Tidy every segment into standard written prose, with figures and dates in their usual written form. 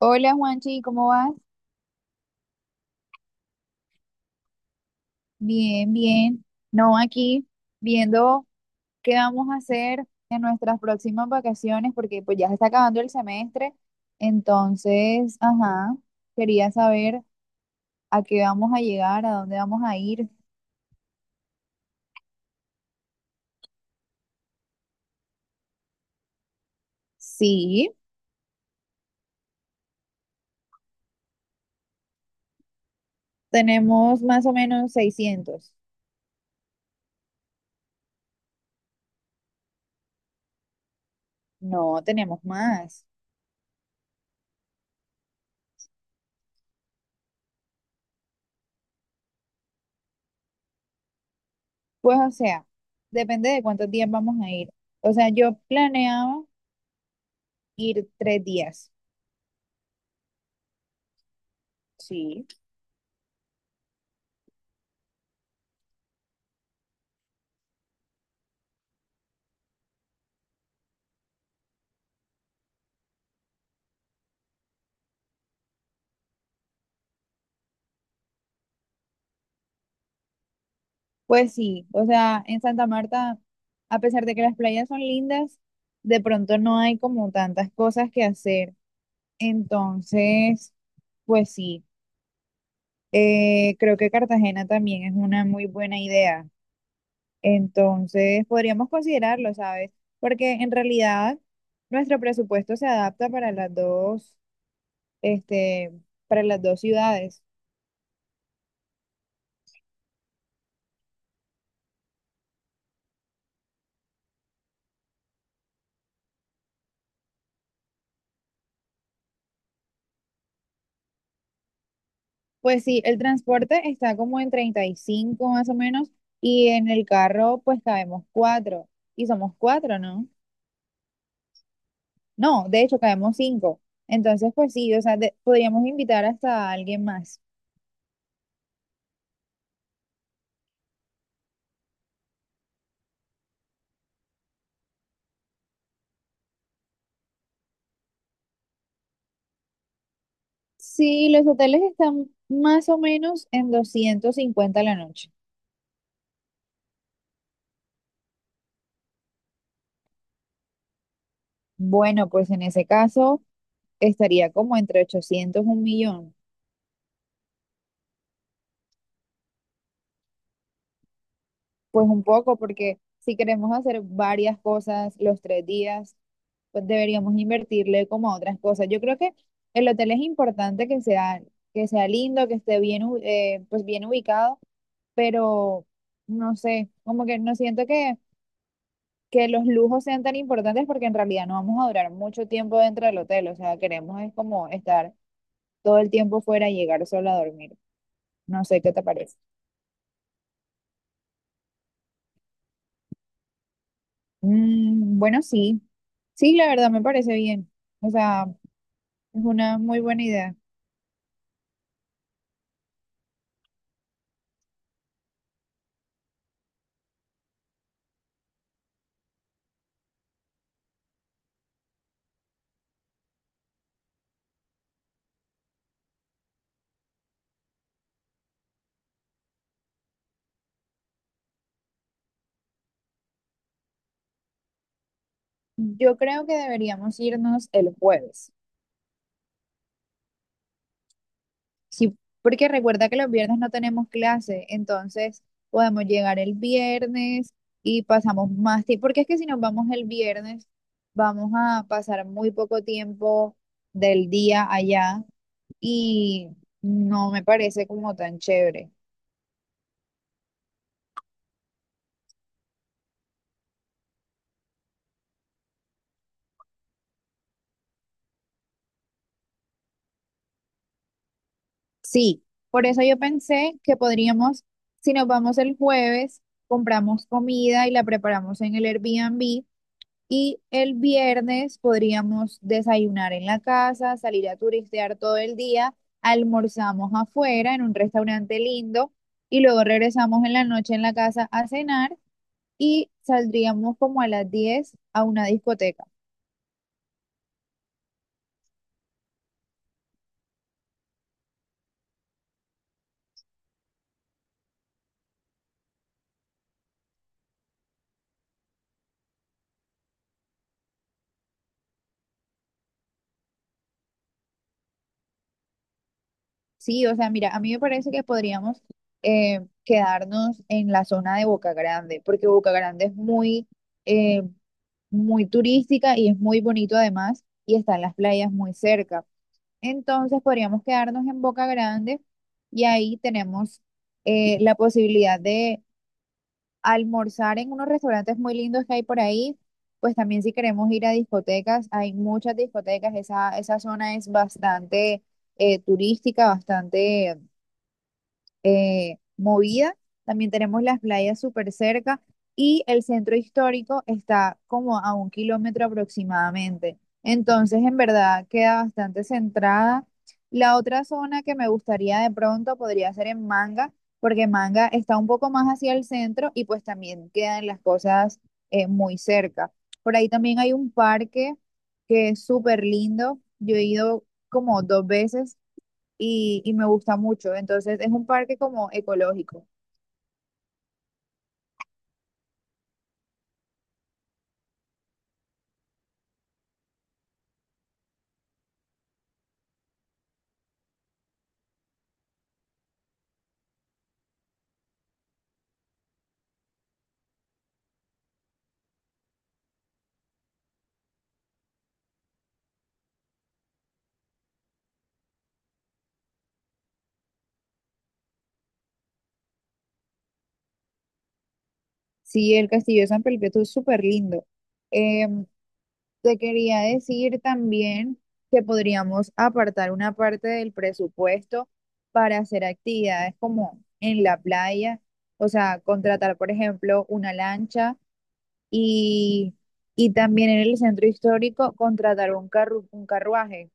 Hola Juanchi, ¿cómo vas? Bien, bien. No, aquí viendo qué vamos a hacer en nuestras próximas vacaciones, porque pues ya se está acabando el semestre. Entonces, ajá, quería saber a qué vamos a llegar, a dónde vamos a ir. Sí, tenemos más o menos 600. No, tenemos más. Pues o sea, depende de cuántos días vamos a ir. O sea, yo planeaba ir 3 días. Sí. Pues sí, o sea, en Santa Marta, a pesar de que las playas son lindas, de pronto no hay como tantas cosas que hacer. Entonces, pues sí, creo que Cartagena también es una muy buena idea. Entonces, podríamos considerarlo, ¿sabes? Porque en realidad nuestro presupuesto se adapta para las dos, este, para las dos ciudades. Pues sí, el transporte está como en 35 más o menos y en el carro pues cabemos cuatro y somos cuatro, ¿no? No, de hecho cabemos cinco. Entonces pues sí, o sea, podríamos invitar hasta a alguien más. Sí, los hoteles están más o menos en 250 la noche. Bueno, pues en ese caso estaría como entre 800 y 1 millón. Pues un poco, porque si queremos hacer varias cosas los 3 días, pues deberíamos invertirle como a otras cosas. Yo creo que el hotel es importante que sea lindo, que esté bien, pues bien ubicado, pero no sé, como que no siento que los lujos sean tan importantes porque en realidad no vamos a durar mucho tiempo dentro del hotel. O sea, queremos es como estar todo el tiempo fuera y llegar solo a dormir. No sé qué te parece. Mm, bueno, sí. Sí, la verdad me parece bien. O sea, es una muy buena idea. Yo creo que deberíamos irnos el jueves. Sí, porque recuerda que los viernes no tenemos clase, entonces podemos llegar el viernes y pasamos más tiempo, porque es que si nos vamos el viernes, vamos a pasar muy poco tiempo del día allá y no me parece como tan chévere. Sí, por eso yo pensé que podríamos, si nos vamos el jueves, compramos comida y la preparamos en el Airbnb. Y el viernes podríamos desayunar en la casa, salir a turistear todo el día, almorzamos afuera en un restaurante lindo y luego regresamos en la noche en la casa a cenar y saldríamos como a las 10 a una discoteca. Sí, o sea, mira, a mí me parece que podríamos quedarnos en la zona de Boca Grande, porque Boca Grande es eh, muy turística y es muy bonito además y están las playas muy cerca. Entonces podríamos quedarnos en Boca Grande y ahí tenemos la posibilidad de almorzar en unos restaurantes muy lindos que hay por ahí. Pues también si queremos ir a discotecas, hay muchas discotecas, esa zona es bastante turística, bastante movida. También tenemos las playas súper cerca y el centro histórico está como a 1 kilómetro aproximadamente. Entonces, en verdad, queda bastante centrada. La otra zona que me gustaría de pronto podría ser en Manga, porque Manga está un poco más hacia el centro y pues también quedan las cosas muy cerca. Por ahí también hay un parque que es súper lindo. Yo he ido como dos veces y me gusta mucho. Entonces es un parque como ecológico. Sí, el Castillo de San Perpetuo es súper lindo. Em, Te quería decir también que podríamos apartar una parte del presupuesto para hacer actividades como en la playa, o sea, contratar, por ejemplo, una lancha y, y también en el centro histórico contratar un carruaje.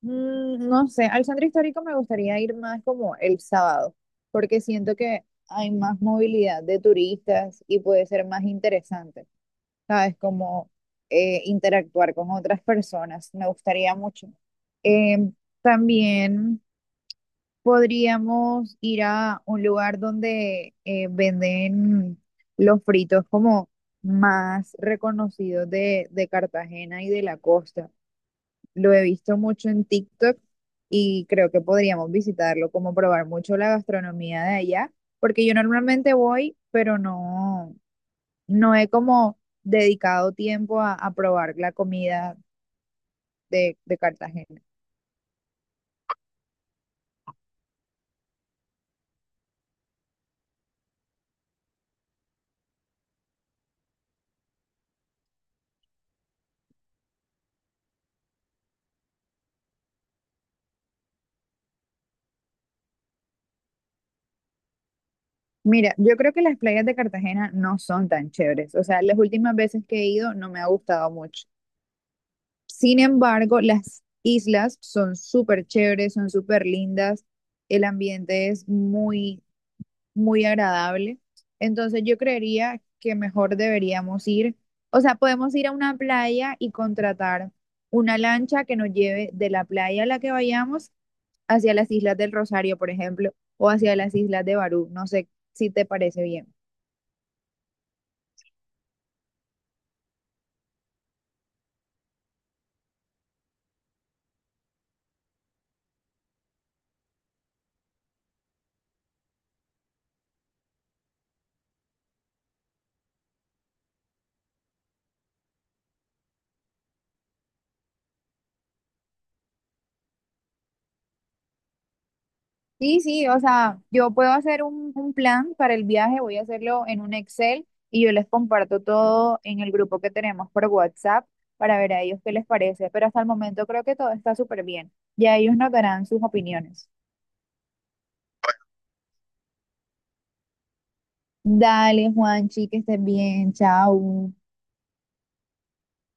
No sé, al centro histórico me gustaría ir más como el sábado, porque siento que hay más movilidad de turistas y puede ser más interesante, ¿sabes? Como interactuar con otras personas, me gustaría mucho. Eh, También podríamos ir a un lugar donde venden los fritos como más reconocidos de Cartagena y de la costa. Lo he visto mucho en TikTok y creo que podríamos visitarlo, como probar mucho la gastronomía de allá, porque yo normalmente voy, pero no, no he como dedicado tiempo a probar la comida de Cartagena. Mira, yo creo que las playas de Cartagena no son tan chéveres, o sea, las últimas veces que he ido no me ha gustado mucho. Sin embargo, las islas son súper chéveres, son súper lindas, el ambiente es muy muy agradable. Entonces yo creería que mejor deberíamos ir, o sea, podemos ir a una playa y contratar una lancha que nos lleve de la playa a la que vayamos hacia las Islas del Rosario, por ejemplo, o hacia las Islas de Barú. No sé si te parece bien. Sí, sí, o sea, yo puedo hacer un plan para el viaje, voy a hacerlo en un Excel y yo les comparto todo en el grupo que tenemos por WhatsApp para ver a ellos qué les parece, pero hasta el momento creo que todo está súper bien. Ya ellos nos darán sus opiniones. Dale, Juanchi, que estés bien, chao.